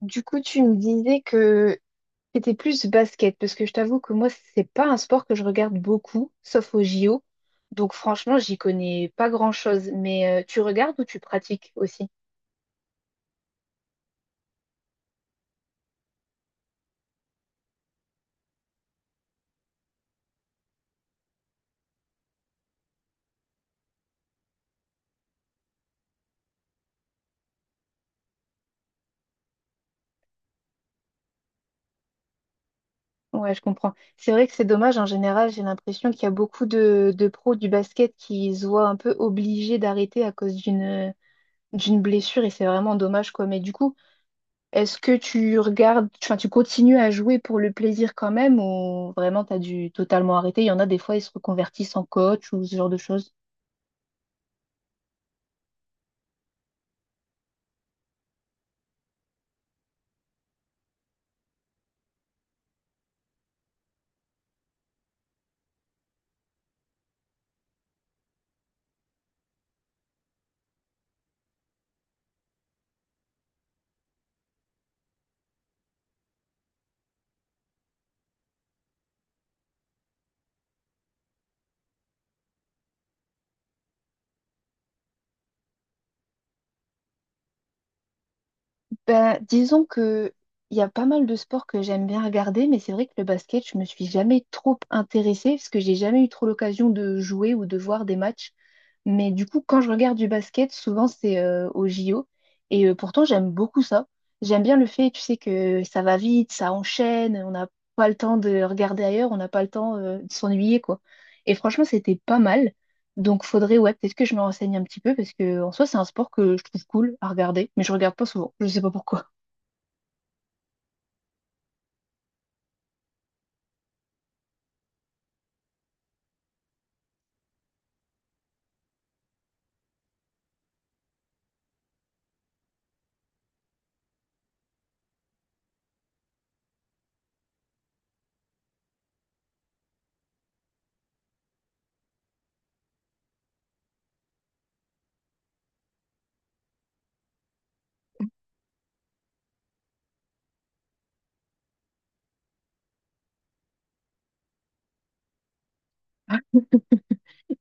Du coup, tu me disais que c'était plus basket, parce que je t'avoue que moi, c'est pas un sport que je regarde beaucoup, sauf au JO. Donc franchement, j'y connais pas grand-chose. Mais tu regardes ou tu pratiques aussi? Ouais, je comprends. C'est vrai que c'est dommage, en général, j'ai l'impression qu'il y a beaucoup de pros du basket qui se voient un peu obligés d'arrêter à cause d'une blessure, et c'est vraiment dommage, quoi. Mais du coup, est-ce que tu regardes, enfin, tu continues à jouer pour le plaisir quand même ou vraiment tu as dû totalement arrêter? Il y en a des fois, ils se reconvertissent en coach ou ce genre de choses. Ben, disons que il y a pas mal de sports que j'aime bien regarder, mais c'est vrai que le basket, je me suis jamais trop intéressée parce que j'ai jamais eu trop l'occasion de jouer ou de voir des matchs. Mais du coup, quand je regarde du basket, souvent c'est au JO. Et pourtant, j'aime beaucoup ça. J'aime bien le fait, tu sais, que ça va vite, ça enchaîne, on n'a pas le temps de regarder ailleurs, on n'a pas le temps de s'ennuyer, quoi. Et franchement, c'était pas mal. Donc faudrait, ouais, peut-être que je me renseigne un petit peu parce que en soi, c'est un sport que je trouve cool à regarder, mais je regarde pas souvent. Je sais pas pourquoi.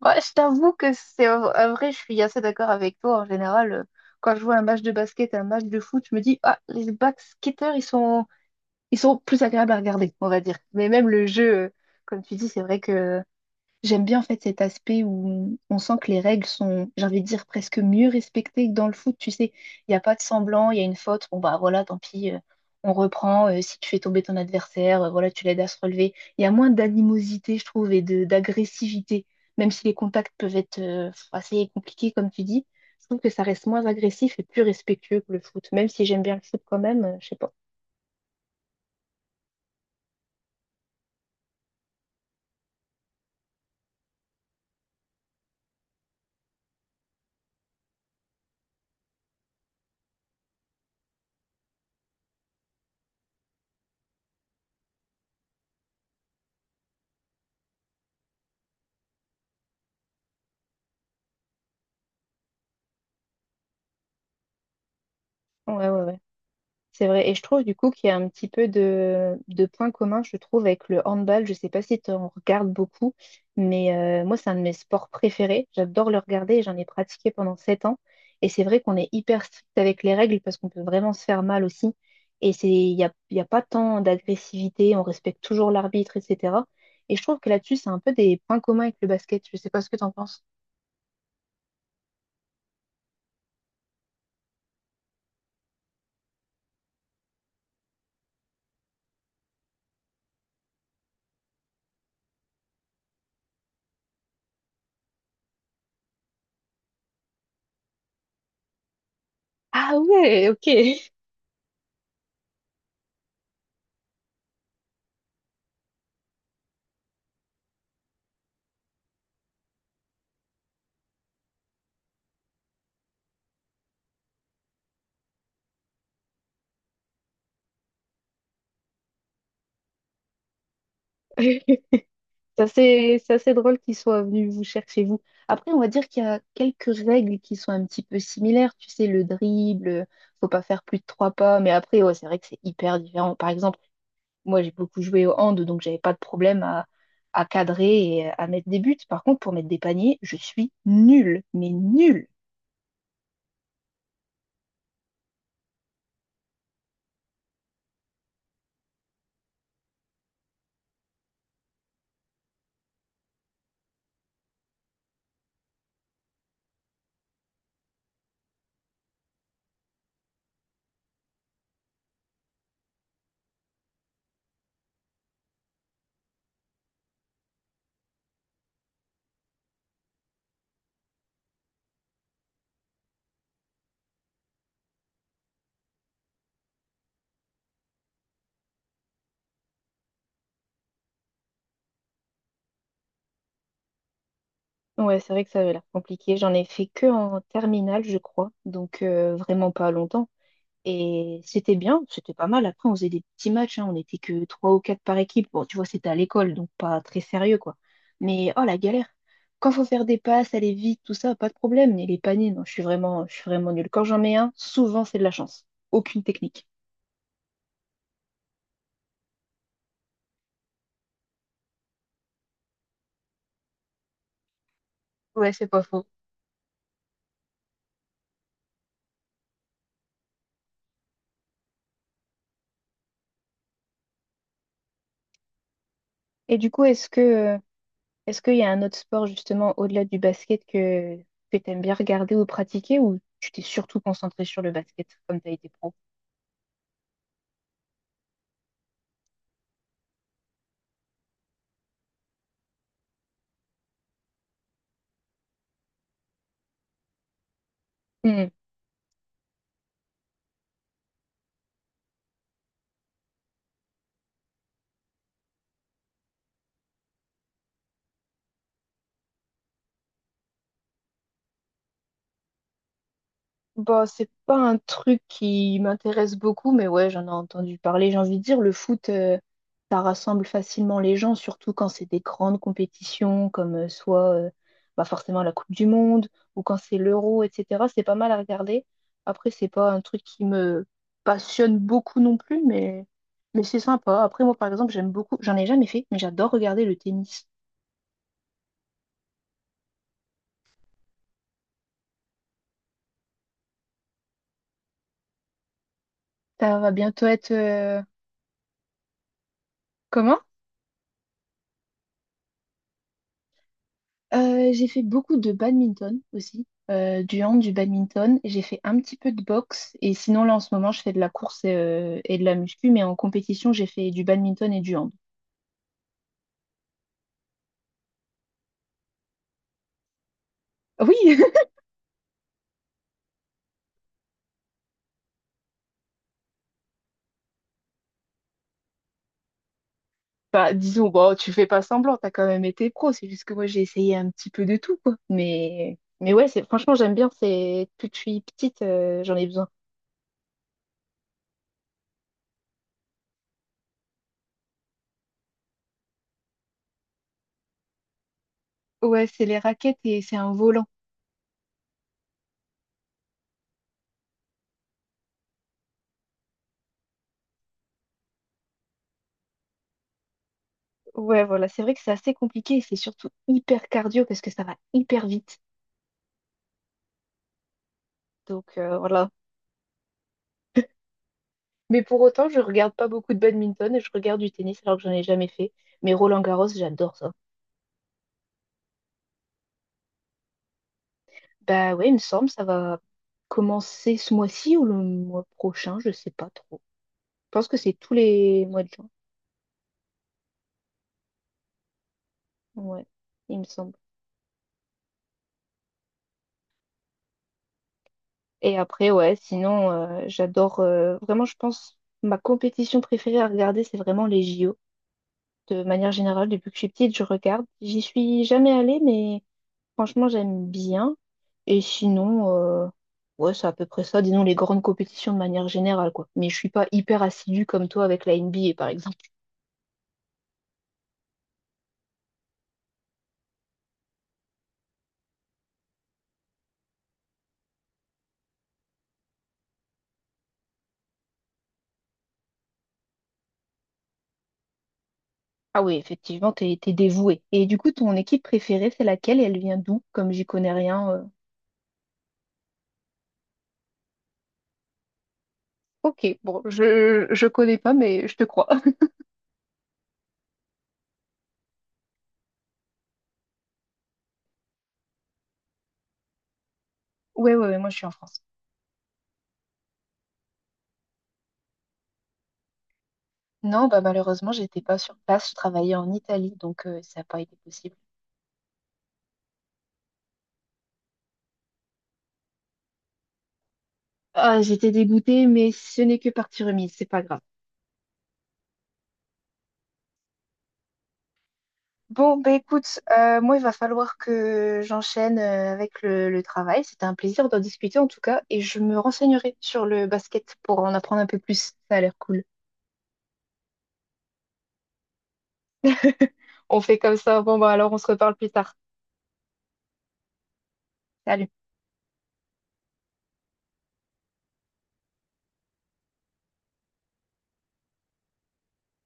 Ouais, je t'avoue que c'est en vrai, je suis assez d'accord avec toi. En général, quand je vois un match de basket, un match de foot, je me dis, ah, les basketteurs, ils sont plus agréables à regarder, on va dire. Mais même le jeu, comme tu dis, c'est vrai que j'aime bien en fait cet aspect où on sent que les règles sont, j'ai envie de dire, presque mieux respectées que dans le foot. Tu sais, il n'y a pas de semblant, il y a une faute, bon bah voilà, tant pis, on reprend. Si tu fais tomber ton adversaire, voilà, tu l'aides à se relever. Il y a moins d'animosité, je trouve, et de d'agressivité, même si les contacts peuvent être assez compliqués, comme tu dis. Je trouve que ça reste moins agressif et plus respectueux que le foot, même si j'aime bien le foot quand même, je sais pas. Ouais, ouais, ouais. C'est vrai. Et je trouve du coup qu'il y a un petit peu de points communs, je trouve, avec le handball. Je sais pas si tu en regardes beaucoup, mais moi, c'est un de mes sports préférés. J'adore le regarder et j'en ai pratiqué pendant 7 ans. Et c'est vrai qu'on est hyper strict avec les règles parce qu'on peut vraiment se faire mal aussi. Et c'est, il y a pas tant d'agressivité, on respecte toujours l'arbitre, etc. Et je trouve que là-dessus, c'est un peu des points communs avec le basket. Je sais pas ce que tu en penses. Ah ouais, ok. C'est assez drôle qu'ils soient venus vous chercher vous. Après, on va dire qu'il y a quelques règles qui sont un petit peu similaires. Tu sais, le dribble, faut pas faire plus de trois pas. Mais après, ouais, c'est vrai que c'est hyper différent. Par exemple, moi, j'ai beaucoup joué au hand, donc j'avais pas de problème à cadrer et à mettre des buts. Par contre, pour mettre des paniers, je suis nulle, mais nulle. Ouais, c'est vrai que ça avait l'air compliqué. J'en ai fait que en terminale, je crois. Donc, vraiment pas longtemps. Et c'était bien, c'était pas mal. Après, on faisait des petits matchs, hein, on n'était que trois ou quatre par équipe. Bon, tu vois, c'était à l'école, donc pas très sérieux, quoi. Mais oh la galère. Quand faut faire des passes, aller vite, tout ça, pas de problème. Mais les paniers, non, je suis vraiment nulle. Quand j'en mets un, souvent c'est de la chance. Aucune technique. Ouais, c'est pas faux. Et du coup, est-ce qu'il y a un autre sport justement au-delà du basket que tu aimes bien regarder ou pratiquer ou tu t'es surtout concentré sur le basket comme tu as été pro? Bah, c'est pas un truc qui m'intéresse beaucoup, mais ouais, j'en ai entendu parler. J'ai envie de dire, le foot, ça rassemble facilement les gens, surtout quand c'est des grandes compétitions, comme soit bah, forcément la Coupe du Monde, ou quand c'est l'Euro, etc. C'est pas mal à regarder. Après, c'est pas un truc qui me passionne beaucoup non plus, mais c'est sympa. Après, moi, par exemple, j'aime beaucoup, j'en ai jamais fait, mais j'adore regarder le tennis. Ça va bientôt être... comment? J'ai fait beaucoup de badminton aussi, du hand, du badminton. J'ai fait un petit peu de boxe et sinon là en ce moment je fais de la course et de la muscu, mais en compétition j'ai fait du badminton et du hand. Ah oui, bah disons, bon, tu fais pas semblant, t'as quand même été pro, c'est juste que moi j'ai essayé un petit peu de tout quoi. Mais ouais, c'est franchement j'aime bien, c'est depuis que je suis petite, j'en ai besoin. Ouais, c'est les raquettes et c'est un volant. Ouais, voilà, c'est vrai que c'est assez compliqué et c'est surtout hyper cardio parce que ça va hyper vite. Donc voilà, mais pour autant, je regarde pas beaucoup de badminton et je regarde du tennis alors que j'en ai jamais fait. Mais Roland-Garros, j'adore ça. Bah ouais, il me semble, ça va commencer ce mois-ci ou le mois prochain, je sais pas trop. Je pense que c'est tous les mois de juin. Ouais, il me semble. Et après, ouais, sinon, j'adore vraiment, je pense, ma compétition préférée à regarder, c'est vraiment les JO. De manière générale, depuis que je suis petite, je regarde. J'y suis jamais allée, mais franchement, j'aime bien. Et sinon, ouais, c'est à peu près ça, disons les grandes compétitions de manière générale, quoi. Mais je suis pas hyper assidue comme toi avec la NBA, par exemple. Ah oui, effectivement, t'es dévouée. Et du coup, ton équipe préférée, c'est laquelle et elle vient d'où? Comme j'y connais rien. Ok, bon, je connais pas, mais je te crois. Ouais, ouais, ouais, moi je suis en France. Non, bah malheureusement, j'étais pas sur place, je travaillais en Italie, donc ça n'a pas été possible. Ah, j'étais dégoûtée, mais ce n'est que partie remise, c'est pas grave. Bon, bah écoute, moi, il va falloir que j'enchaîne avec le travail. C'était un plaisir d'en discuter en tout cas, et je me renseignerai sur le basket pour en apprendre un peu plus. Ça a l'air cool. On fait comme ça. Bon, bah alors, on se reparle plus tard. Salut.